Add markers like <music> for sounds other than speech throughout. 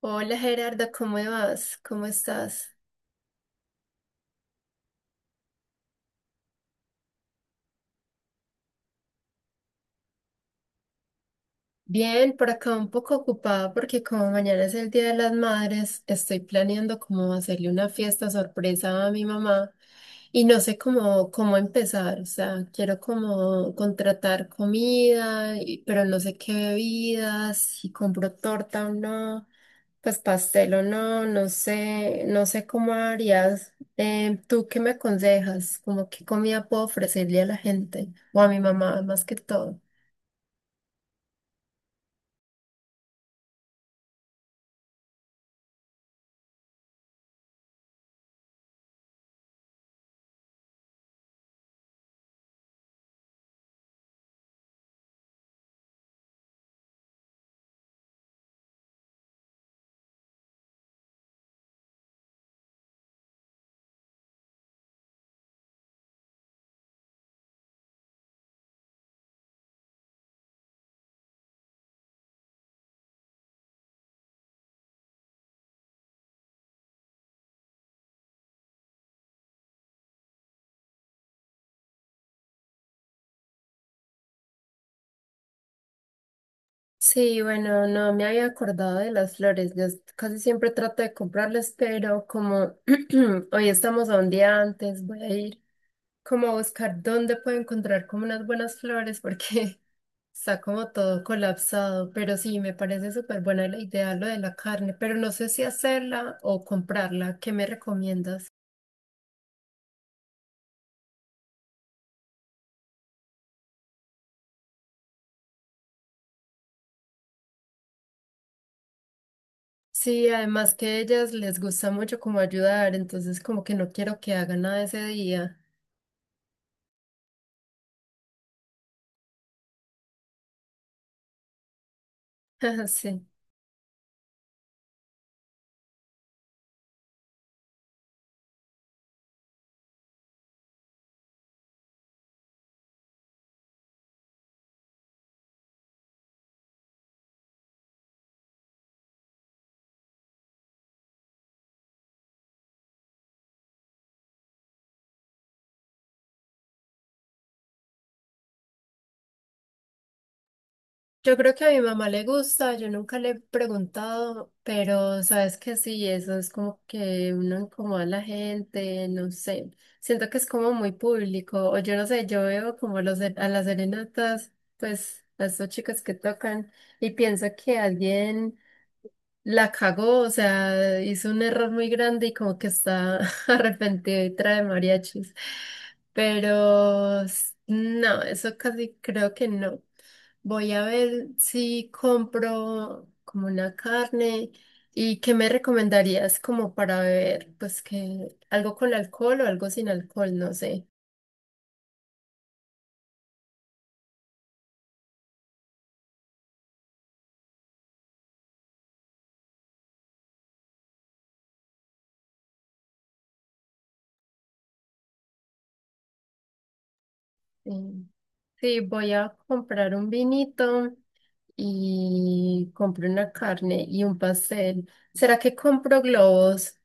Hola Gerarda, ¿cómo vas? ¿Cómo estás? Bien, por acá un poco ocupada porque como mañana es el Día de las Madres, estoy planeando cómo hacerle una fiesta sorpresa a mi mamá y no sé cómo empezar, o sea, quiero como contratar comida, pero no sé qué bebidas, si compro torta o no. Pues pastel o no, no sé cómo harías. ¿Tú qué me aconsejas? ¿Cómo qué comida puedo ofrecerle a la gente? O a mi mamá, más que todo. Sí, bueno, no me había acordado de las flores. Yo casi siempre trato de comprarlas, pero como <clears throat> hoy estamos a un día antes, voy a ir como a buscar dónde puedo encontrar como unas buenas flores, porque <laughs> está como todo colapsado, pero sí, me parece súper buena la idea lo de la carne, pero no sé si hacerla o comprarla. ¿Qué me recomiendas? Sí, además que a ellas les gusta mucho como ayudar, entonces como que no quiero que hagan nada ese día. <laughs> Sí. Yo creo que a mi mamá le gusta, yo nunca le he preguntado, pero sabes que sí, eso es como que uno incomoda a la gente, no sé, siento que es como muy público, o yo no sé, yo veo como a las serenatas, pues a estos chicos que tocan y pienso que alguien la cagó, o sea, hizo un error muy grande y como que está <laughs> arrepentido y trae mariachis. Pero no, eso casi creo que no. Voy a ver si compro como una carne y qué me recomendarías como para beber, pues que algo con alcohol o algo sin alcohol, no sé. Sí, sí, voy a comprar un vinito y compré una carne y un pastel. ¿Será que compro globos?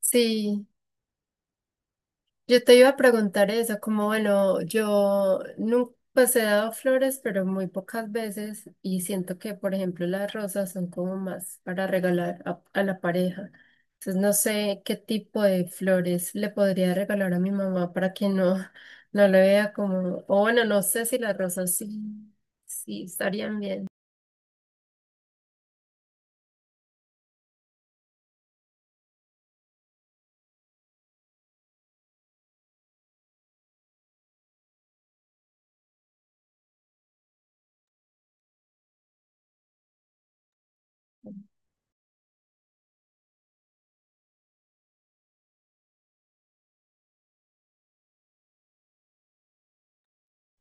Sí, yo te iba a preguntar eso, como bueno, yo nunca pues he dado flores, pero muy pocas veces y siento que, por ejemplo, las rosas son como más para regalar a la pareja. Entonces no sé qué tipo de flores le podría regalar a mi mamá para que no, <laughs> no le vea como, o bueno, no sé si las rosas sí, sí estarían bien.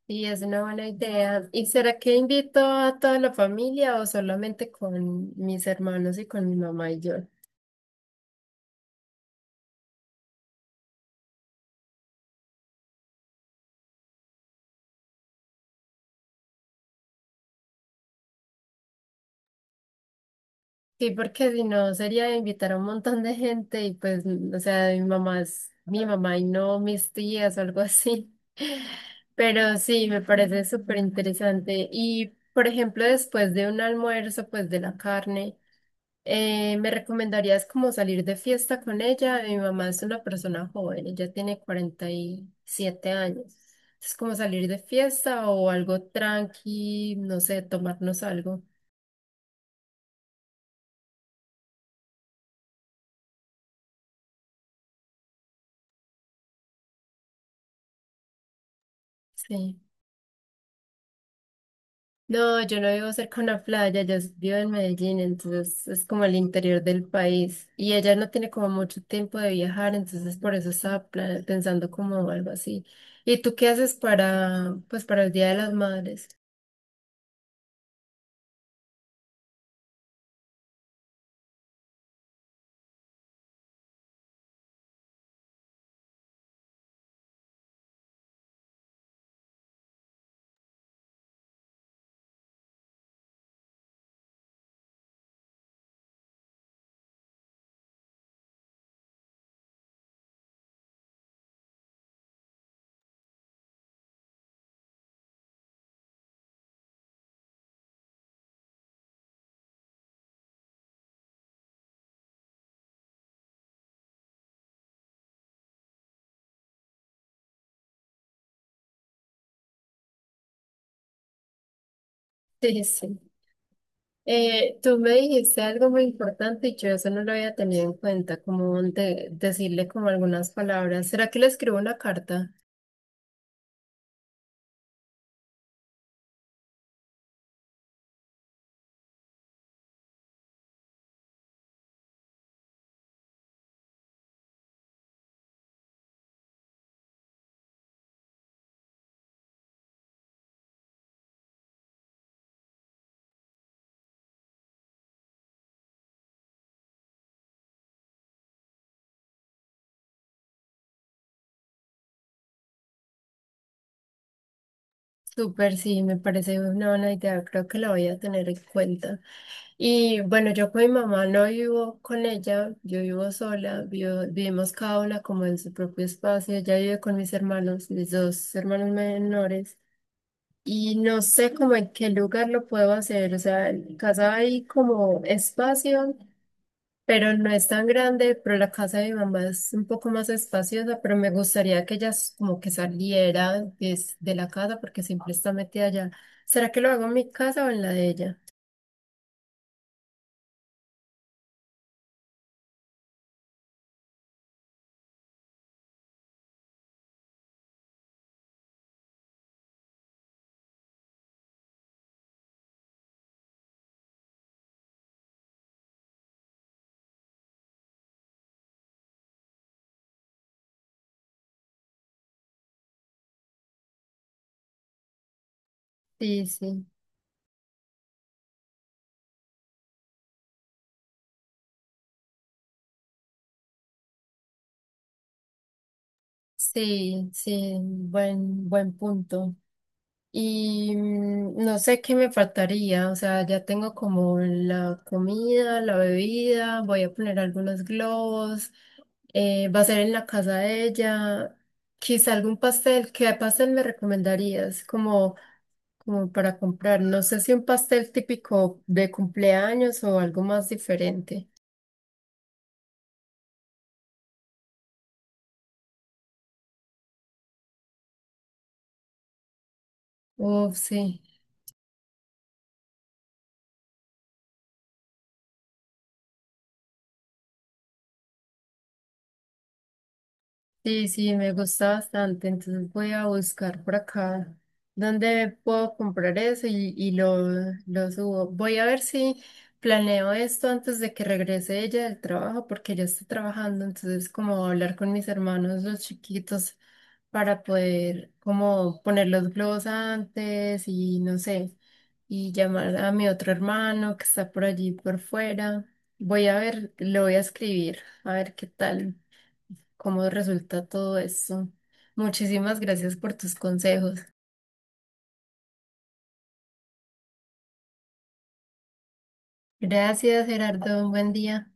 Sí, es una buena idea. ¿Y será que invito a toda la familia o solamente con mis hermanos y con mi mamá y yo? Sí, porque si no sería invitar a un montón de gente y pues, o sea, mi mamá es mi mamá y no mis tías o algo así. Pero sí, me parece súper interesante. Y, por ejemplo, después de un almuerzo, pues de la carne. ¿Me recomendarías como salir de fiesta con ella? Mi mamá es una persona joven, ella tiene 47 años. Es como salir de fiesta o algo tranqui, no sé, tomarnos algo. Sí. No, yo no vivo cerca de una playa, yo vivo en Medellín, entonces es como el interior del país. Y ella no tiene como mucho tiempo de viajar, entonces por eso estaba pensando como algo así. ¿Y tú qué haces para, pues, para el Día de las Madres? <laughs> Sí, sí. Tú me dijiste algo muy importante y yo eso no lo había tenido en cuenta, como decirle como algunas palabras. ¿Será que le escribo una carta? Súper, sí, me parece una buena idea, creo que la voy a tener en cuenta. Y bueno, yo con mi mamá no vivo con ella, yo vivo sola, vivimos cada una como en su propio espacio, ella vive con mis hermanos, mis dos hermanos menores. Y no sé como en qué lugar lo puedo hacer, o sea, en casa hay como espacio. Pero no es tan grande, pero la casa de mi mamá es un poco más espaciosa, pero me gustaría que ella como que saliera de la casa porque siempre está metida allá. ¿Será que lo hago en mi casa o en la de ella? Sí, sí, sí, sí, buen punto. Y no sé qué me faltaría, o sea, ya tengo como la comida, la bebida, voy a poner algunos globos, va a ser en la casa de ella, quizá algún pastel. ¿Qué pastel me recomendarías? Como para comprar, no sé si un pastel típico de cumpleaños o algo más diferente. Uf, sí. Sí, sí, me gusta bastante. Entonces voy a buscar por acá dónde puedo comprar eso lo subo. Voy a ver si planeo esto antes de que regrese ella del trabajo, porque ella está trabajando. Entonces, como hablar con mis hermanos, los chiquitos, para poder como poner los globos antes y no sé, y llamar a mi otro hermano que está por allí por fuera. Voy a ver, lo voy a escribir, a ver qué tal cómo resulta todo eso. Muchísimas gracias por tus consejos. Gracias, Gerardo. Un buen día.